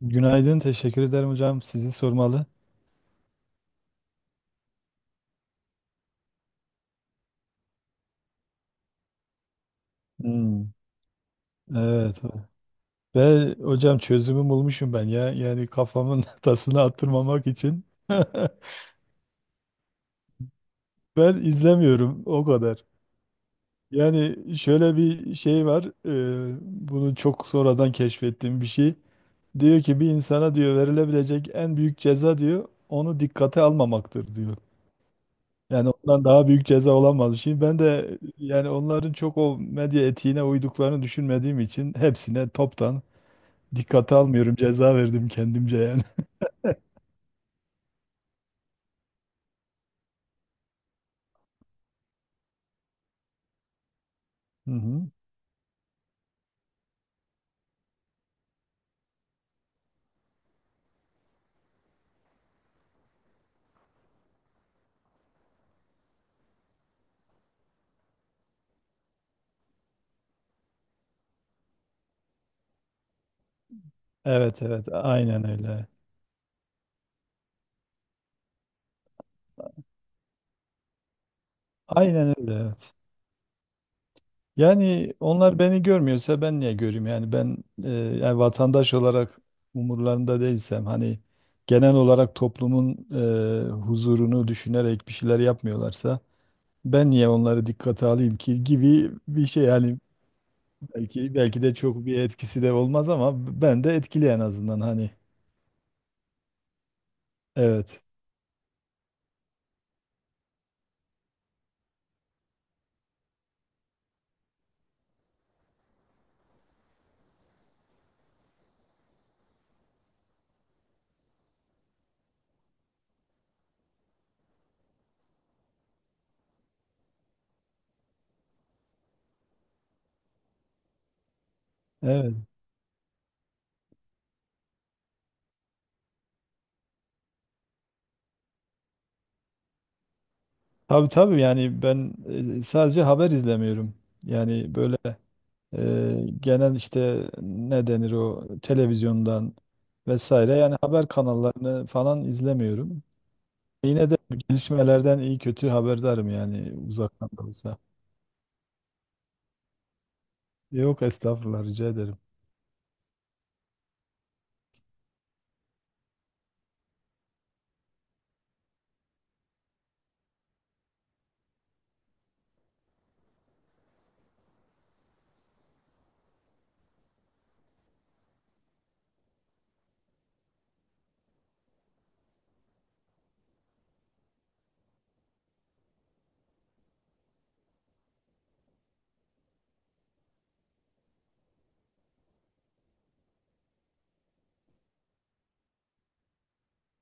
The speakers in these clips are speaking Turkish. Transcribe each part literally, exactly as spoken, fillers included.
Günaydın, teşekkür ederim hocam. Sizi sormalı. Hmm. Evet. Ve hocam çözümü bulmuşum ben ya. Yani kafamın tasını attırmamak için. Ben izlemiyorum o kadar. Yani şöyle bir şey var. E, bunu çok sonradan keşfettiğim bir şey. Diyor ki bir insana, diyor, verilebilecek en büyük ceza, diyor, onu dikkate almamaktır, diyor. Yani ondan daha büyük ceza olamaz. Şimdi ben de, yani onların çok o medya etiğine uyduklarını düşünmediğim için, hepsine toptan dikkate almıyorum. Ceza verdim kendimce yani. Hı hı. Evet evet. Aynen öyle. Aynen öyle, evet. Yani onlar beni görmüyorsa ben niye göreyim? Yani ben, e, yani vatandaş olarak umurlarında değilsem, hani genel olarak toplumun e, huzurunu düşünerek bir şeyler yapmıyorlarsa, ben niye onları dikkate alayım ki, gibi bir şey yani. Belki belki de çok bir etkisi de olmaz ama ben de etkili, en azından hani, evet. Evet. Tabii tabii, yani ben e, sadece haber izlemiyorum. Yani böyle e, genel, işte ne denir, o televizyondan vesaire, yani haber kanallarını falan izlemiyorum. Yine de gelişmelerden iyi kötü haberdarım, yani uzaktan da olsa. Yok, estağfurullah, rica ederim.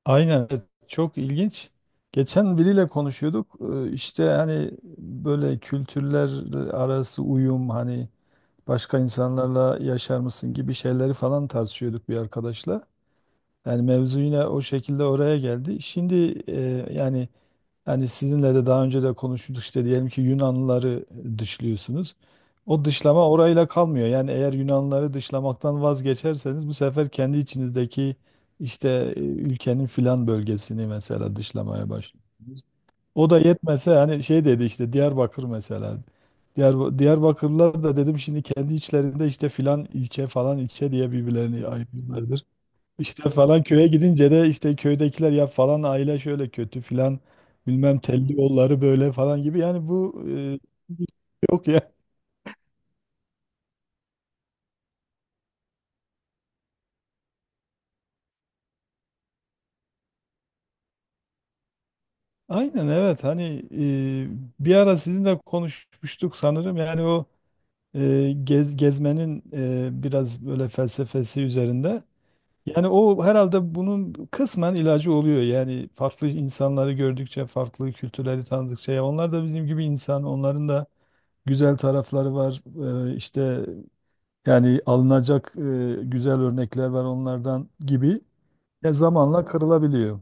Aynen evet, çok ilginç. Geçen biriyle konuşuyorduk. E, işte hani böyle kültürler arası uyum, hani başka insanlarla yaşar mısın gibi şeyleri falan tartışıyorduk bir arkadaşla. Yani mevzu yine o şekilde oraya geldi. Şimdi, e, yani yani sizinle de daha önce de konuştuk, işte diyelim ki Yunanlıları dışlıyorsunuz. O dışlama orayla kalmıyor. Yani eğer Yunanlıları dışlamaktan vazgeçerseniz, bu sefer kendi içinizdeki, işte e, ülkenin filan bölgesini mesela dışlamaya başlıyorsunuz. O da yetmese, hani şey dedi, işte Diyarbakır mesela. Diyar, Diyarbakırlılar da, dedim, şimdi kendi içlerinde işte filan ilçe, falan ilçe diye birbirlerini ayırıyorlardır. İşte falan köye gidince de işte köydekiler ya falan aile şöyle kötü, filan bilmem telli yolları, böyle falan gibi. Yani bu, e, yok ya. Aynen evet, hani e, bir ara sizinle konuşmuştuk sanırım, yani o e, gez, gezmenin e, biraz böyle felsefesi üzerinde. Yani o herhalde bunun kısmen ilacı oluyor. Yani farklı insanları gördükçe, farklı kültürleri tanıdıkça, ya onlar da bizim gibi insan, onların da güzel tarafları var. Ee, işte yani alınacak e, güzel örnekler var onlardan gibi. Ya zamanla kırılabiliyor.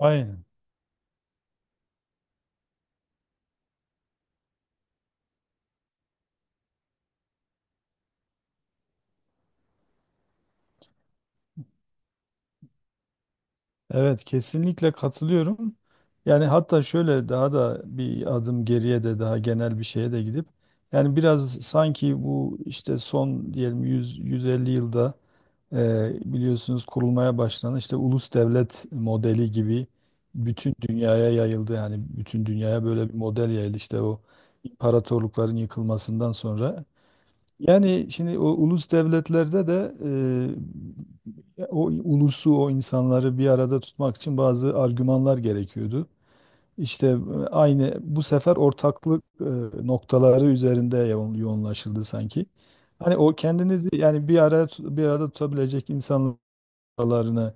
Aynen. Evet, kesinlikle katılıyorum. Yani hatta şöyle daha da bir adım geriye de, daha genel bir şeye de gidip, yani biraz sanki bu işte, son diyelim yüz yüz elli yılda, Eee, biliyorsunuz, kurulmaya başlanan işte ulus devlet modeli gibi, bütün dünyaya yayıldı. Yani bütün dünyaya böyle bir model yayıldı, işte o imparatorlukların yıkılmasından sonra. Yani şimdi o ulus devletlerde de, eee, o ulusu, o insanları bir arada tutmak için bazı argümanlar gerekiyordu. İşte e, aynı bu sefer ortaklık e, noktaları üzerinde yoğun- yoğunlaşıldı sanki. Hani o kendinizi, yani bir araya tut- bir arada tutabilecek insanlar noktalarını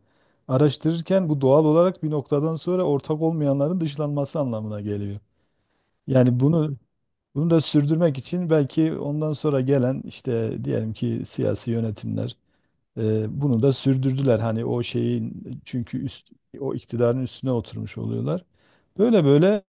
araştırırken, bu doğal olarak bir noktadan sonra ortak olmayanların dışlanması anlamına geliyor. Yani bunu bunu da sürdürmek için, belki ondan sonra gelen işte, diyelim ki, siyasi yönetimler e, bunu da sürdürdüler. Hani o şeyin, çünkü üst, o iktidarın üstüne oturmuş oluyorlar. Böyle böyle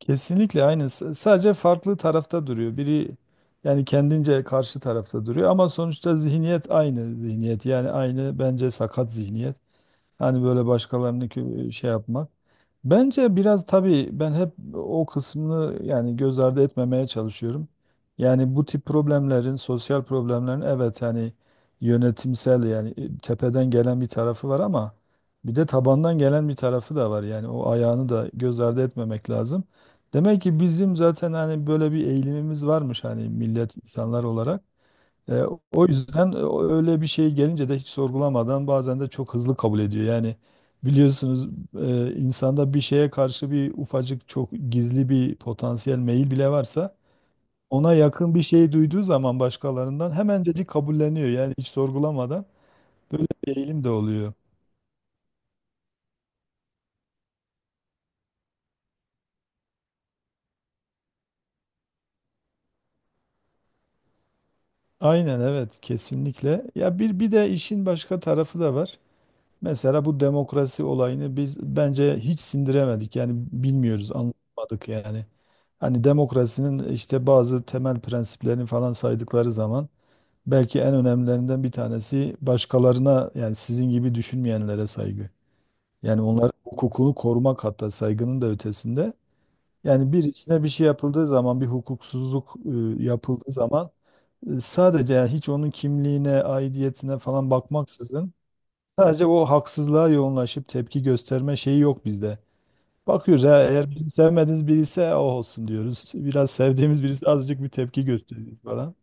kesinlikle aynı. S- sadece farklı tarafta duruyor. Biri, yani kendince karşı tarafta duruyor ama sonuçta zihniyet aynı zihniyet. Yani aynı, bence, sakat zihniyet. Hani böyle başkalarını kö- şey yapmak. Bence biraz, tabii, ben hep o kısmını yani göz ardı etmemeye çalışıyorum. Yani bu tip problemlerin, sosyal problemlerin, evet hani, yönetimsel, yani e, tepeden gelen bir tarafı var ama bir de tabandan gelen bir tarafı da var. Yani o ayağını da göz ardı etmemek lazım. Demek ki bizim zaten hani böyle bir eğilimimiz varmış, hani millet, insanlar olarak. E, o yüzden, e, öyle bir şey gelince de hiç sorgulamadan, bazen de çok hızlı kabul ediyor. Yani biliyorsunuz, e, insanda bir şeye karşı bir ufacık, çok gizli bir potansiyel meyil bile varsa, ona yakın bir şey duyduğu zaman, başkalarından hemencecik kabulleniyor. Yani hiç sorgulamadan, böyle bir eğilim de oluyor. Aynen evet, kesinlikle. Ya bir bir de işin başka tarafı da var. Mesela bu demokrasi olayını biz bence hiç sindiremedik. Yani bilmiyoruz, anlamadık yani. Hani demokrasinin işte bazı temel prensiplerini falan saydıkları zaman, belki en önemlilerinden bir tanesi başkalarına, yani sizin gibi düşünmeyenlere saygı. Yani onların hukukunu korumak, hatta saygının da ötesinde. Yani birisine bir şey yapıldığı zaman, bir hukuksuzluk e, yapıldığı zaman, e, sadece, yani hiç onun kimliğine, aidiyetine falan bakmaksızın, sadece o haksızlığa yoğunlaşıp tepki gösterme şeyi yok bizde. Bakıyoruz, ha, eğer bizim sevmediğimiz biri ise, o olsun diyoruz. Biraz sevdiğimiz birisi, azıcık bir tepki gösteriyoruz falan.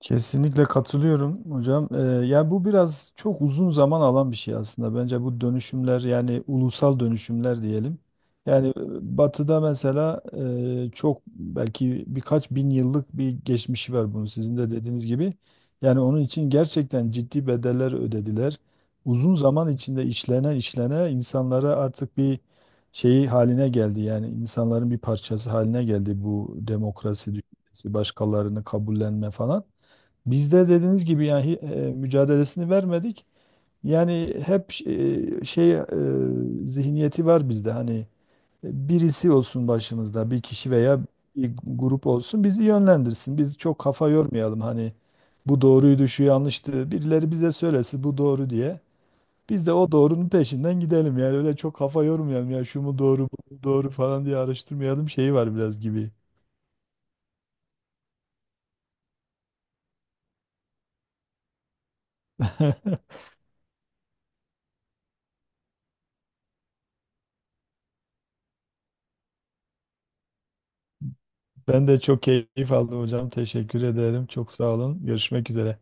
Kesinlikle katılıyorum hocam. Ee, ya bu biraz çok uzun zaman alan bir şey aslında. Bence bu dönüşümler, yani ulusal dönüşümler diyelim. Yani e, Batı'da mesela e, çok, belki birkaç bin yıllık bir geçmişi var bunun, sizin de dediğiniz gibi. Yani onun için gerçekten ciddi bedeller ödediler. Uzun zaman içinde işlene işlene insanlara artık bir şeyi haline geldi. Yani insanların bir parçası haline geldi bu demokrasi düşüncesi, başkalarını kabullenme falan. Bizde, dediğiniz gibi, yani e, mücadelesini vermedik. Yani hep ş- e, şey e, zihniyeti var bizde, hani e, birisi olsun başımızda, bir kişi veya bir grup olsun, bizi yönlendirsin. Biz çok kafa yormayalım, hani bu doğruydu, şu yanlıştı, birileri bize söylesin bu doğru diye. Biz de o doğrunun peşinden gidelim, yani öyle çok kafa yormayalım, ya şu mu doğru bu mu doğru falan diye araştırmayalım, şeyi var biraz gibi. Ben de çok keyif aldım hocam. Teşekkür ederim. Çok sağ olun. Görüşmek üzere.